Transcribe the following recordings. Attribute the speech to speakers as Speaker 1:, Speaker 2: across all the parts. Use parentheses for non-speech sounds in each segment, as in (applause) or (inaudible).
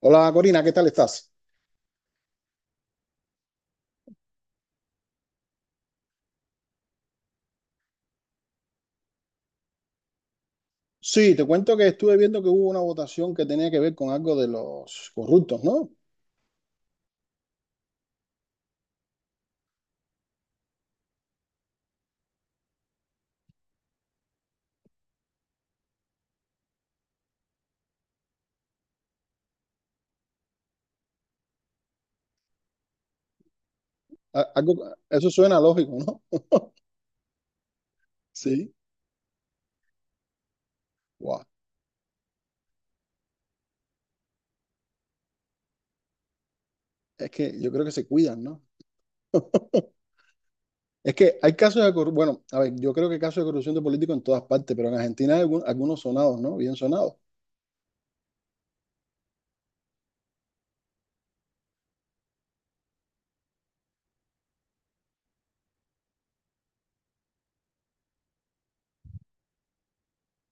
Speaker 1: Hola Corina, ¿qué tal estás? Sí, te cuento que estuve viendo que hubo una votación que tenía que ver con algo de los corruptos, ¿no? A- algo- eso suena lógico, ¿no? (laughs) Sí. Guau. Es que yo creo que se cuidan, ¿no? (laughs) Es que hay casos de corrupción, bueno, a ver, yo creo que hay casos de corrupción de políticos en todas partes, pero en Argentina hay algunos sonados, ¿no? Bien sonados.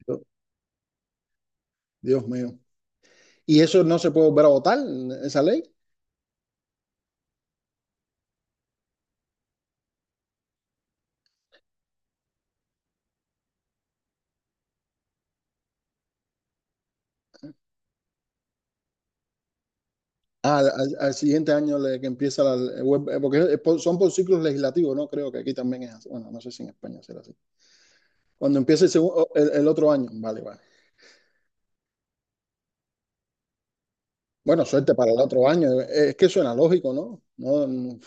Speaker 1: Yo- Dios mío. ¿Y eso no se puede volver a votar, esa ley? Ah, al siguiente año que empieza Porque son por ciclos legislativos, ¿no? Creo que aquí también es así. Bueno, no sé si en España será así. Cuando empiece el, segundo, el otro año. Vale, vale. Bueno, suerte para el otro año. Es que suena lógico, ¿no?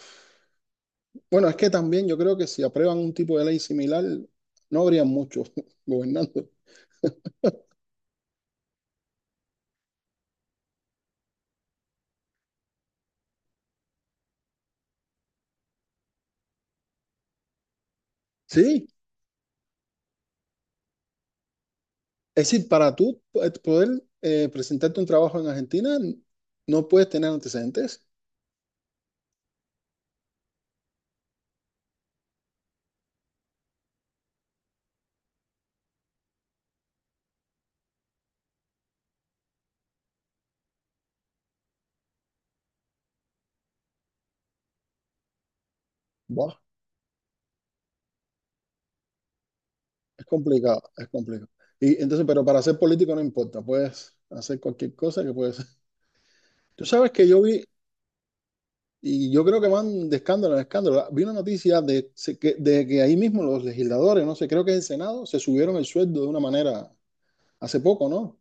Speaker 1: Bueno, es que también yo creo que si aprueban un tipo de ley similar, no habría muchos (laughs) gobernando. Sí, es decir, para poder presentarte un trabajo en Argentina, no puedes tener antecedentes. Buah, es complicado, es complicado. Y entonces, pero para ser político no importa, puedes hacer cualquier cosa que puedes. Tú sabes que yo vi, y yo creo que van de escándalo en escándalo. Vi una noticia de que de que ahí mismo los legisladores, no sé, creo que es el Senado, se subieron el sueldo de una manera, hace poco, ¿no?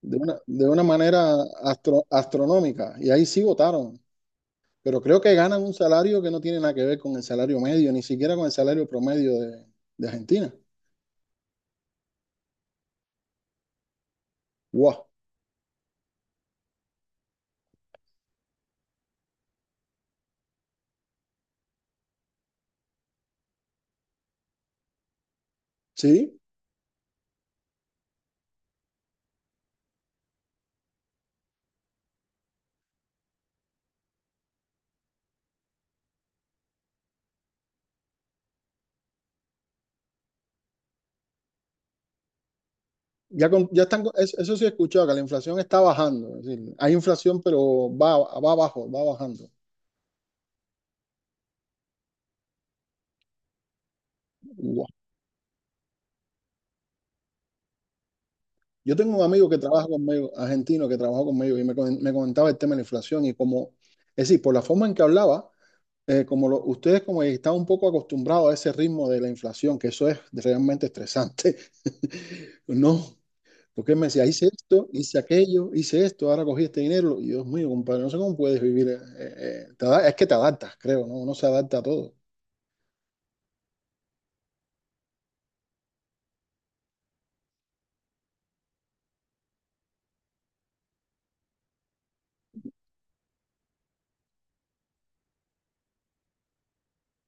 Speaker 1: De una manera astronómica. Y ahí sí votaron. Pero creo que ganan un salario que no tiene nada que ver con el salario medio, ni siquiera con el salario promedio de Argentina. ¡Guau! Sí, ya, ya están, eso, eso sí he escuchado, que la inflación está bajando. Es decir, hay inflación, pero va, va abajo, va bajando. Yo tengo un amigo que trabaja conmigo, argentino, que trabaja conmigo y me comentaba el tema de la inflación y como, es decir, por la forma en que hablaba, como ustedes como están un poco acostumbrados a ese ritmo de la inflación, que eso es realmente estresante, (laughs) ¿no? Porque él me decía, hice esto, hice aquello, hice esto, ahora cogí este dinero. Y Dios mío, compadre, no sé cómo puedes vivir. Es que te adaptas, creo, ¿no? Uno se adapta a todo.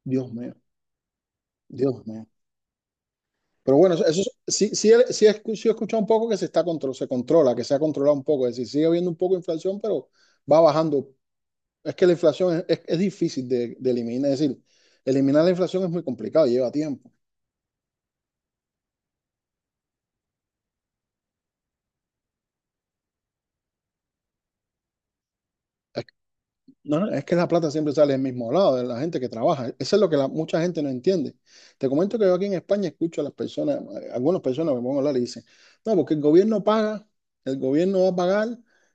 Speaker 1: Dios mío, Dios mío. Pero bueno, eso sí, sí, sí, sí he escuchado un poco que se está se controla, que se ha controlado un poco. Es decir, sigue habiendo un poco de inflación, pero va bajando. Es que la inflación es difícil de eliminar. Es decir, eliminar la inflación es muy complicado, lleva tiempo. Es, no, no, es que la plata siempre sale del mismo lado, de la gente que trabaja. Eso es lo que mucha gente no entiende. Te comento que yo aquí en España escucho a las personas, a algunas personas me pongo a hablar y dicen, no, porque el gobierno paga, el gobierno va a pagar.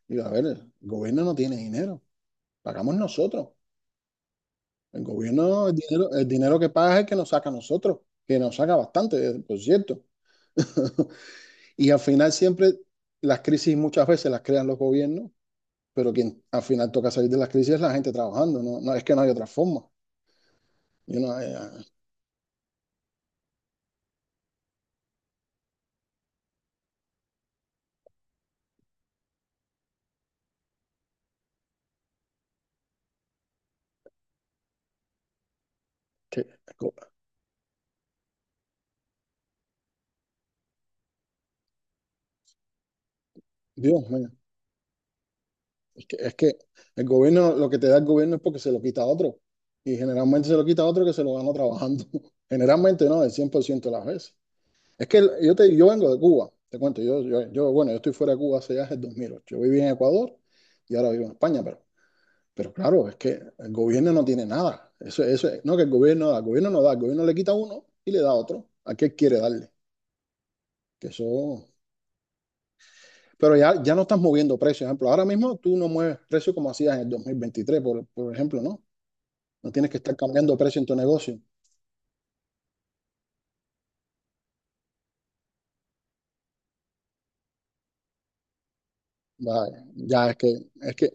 Speaker 1: Y yo, a ver, el gobierno no tiene dinero, pagamos nosotros. El gobierno, el dinero que paga es el que nos saca a nosotros, que nos saca bastante, por cierto. (laughs) Y al final siempre las crisis muchas veces las crean los gobiernos, pero quien al final toca salir de las crisis es la gente trabajando, no, no es que no hay otra forma. Yo no, que- co- Dios mío, es que el gobierno, lo que te da el gobierno es porque se lo quita a otro. Y generalmente se lo quita a otro que se lo ganó trabajando. (laughs) Generalmente no, el 100% de las veces. Es que yo, te, yo vengo de Cuba, te cuento, bueno, yo estoy fuera de Cuba hace ya desde el 2008. Yo viví en Ecuador y ahora vivo en España, pero claro, es que el gobierno no tiene nada. Eso, no que el gobierno da, el gobierno no da, el gobierno le quita a uno y le da a otro. ¿A qué quiere darle? Que eso... Pero ya, ya no estás moviendo precios. Por ejemplo, ahora mismo tú no mueves precios como hacías en el 2023 por ejemplo, ¿no? No tienes que estar cambiando precio en tu negocio. Vaya, ya es que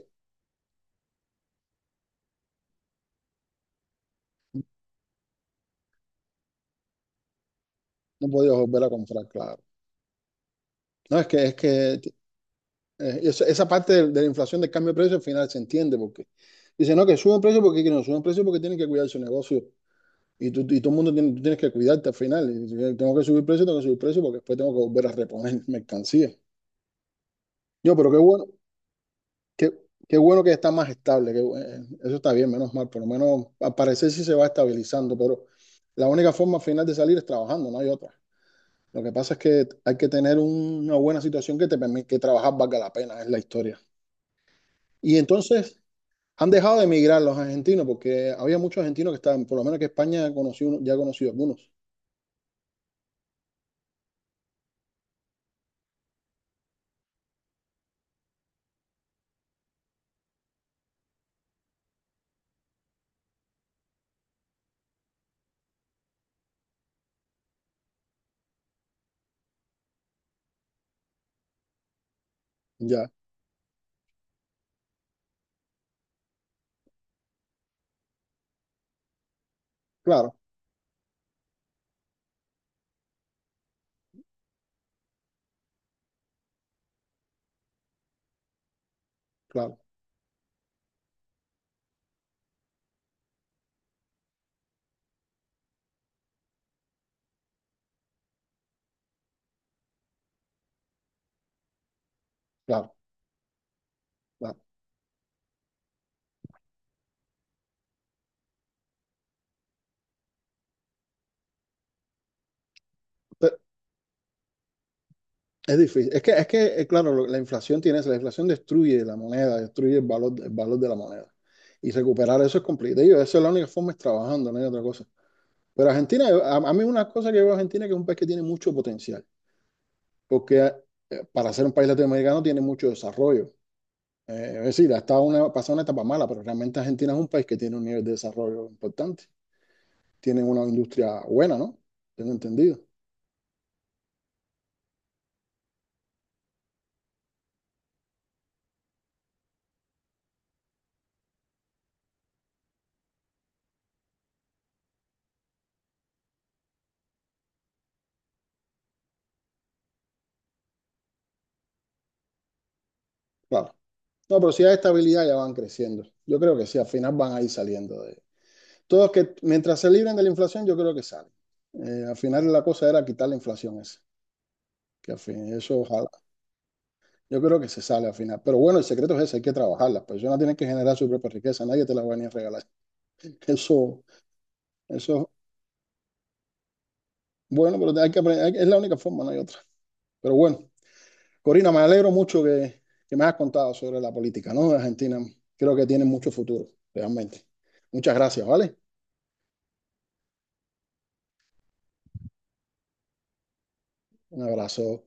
Speaker 1: no podías volver a comprar, claro. No, es que eh, esa parte de la inflación del cambio de precio al final se entiende porque dice no, que no suben precios porque tienen que cuidar su negocio y, tú, y todo el mundo tiene, tú tienes que cuidarte al final. Y dice, tengo que subir precios, tengo que subir precios porque después tengo que volver a reponer (laughs) mercancía. Yo, pero qué bueno, qué, qué bueno que está más estable, que, eso está bien, menos mal, por lo menos al parecer sí se va estabilizando, pero la única forma al final de salir es trabajando, no hay otra. Lo que pasa es que hay que tener una buena situación que te permite que trabajar valga la pena, es la historia. Y entonces, han dejado de emigrar los argentinos porque había muchos argentinos que estaban, por lo menos que España ya conocí algunos. Ya, claro, claro, claro, claro. Pero es difícil. Es que, claro, la inflación tiene eso. La inflación destruye la moneda, destruye el valor de la moneda. Y recuperar eso es complicado. Y esa es la única forma, es trabajando, no hay otra cosa. Pero Argentina, a mí una cosa que veo a Argentina es que es un país que tiene mucho potencial. Porque para ser un país latinoamericano tiene mucho desarrollo. Es decir, ha estado una, pasado una etapa mala, pero realmente Argentina es un país que tiene un nivel de desarrollo importante. Tienen una industria buena, ¿no? Tengo entendido. Claro. No, pero si hay estabilidad ya van creciendo. Yo creo que sí, al final van a ir saliendo de... Todos que mientras se libren de la inflación, yo creo que salen. Al final la cosa era quitar la inflación esa. Que al fin, eso ojalá. Yo creo que se sale al final. Pero bueno, el secreto es ese, hay que trabajar. Las personas tienen que generar su propia riqueza, nadie te la va a venir a regalar. (laughs) Eso, eso, bueno, pero hay que aprender, es la única forma, no hay otra. Pero bueno. Corina, me alegro mucho que me hayas contado sobre la política, ¿no? De Argentina. Creo que tiene mucho futuro, realmente. Muchas gracias, ¿vale? Un abrazo.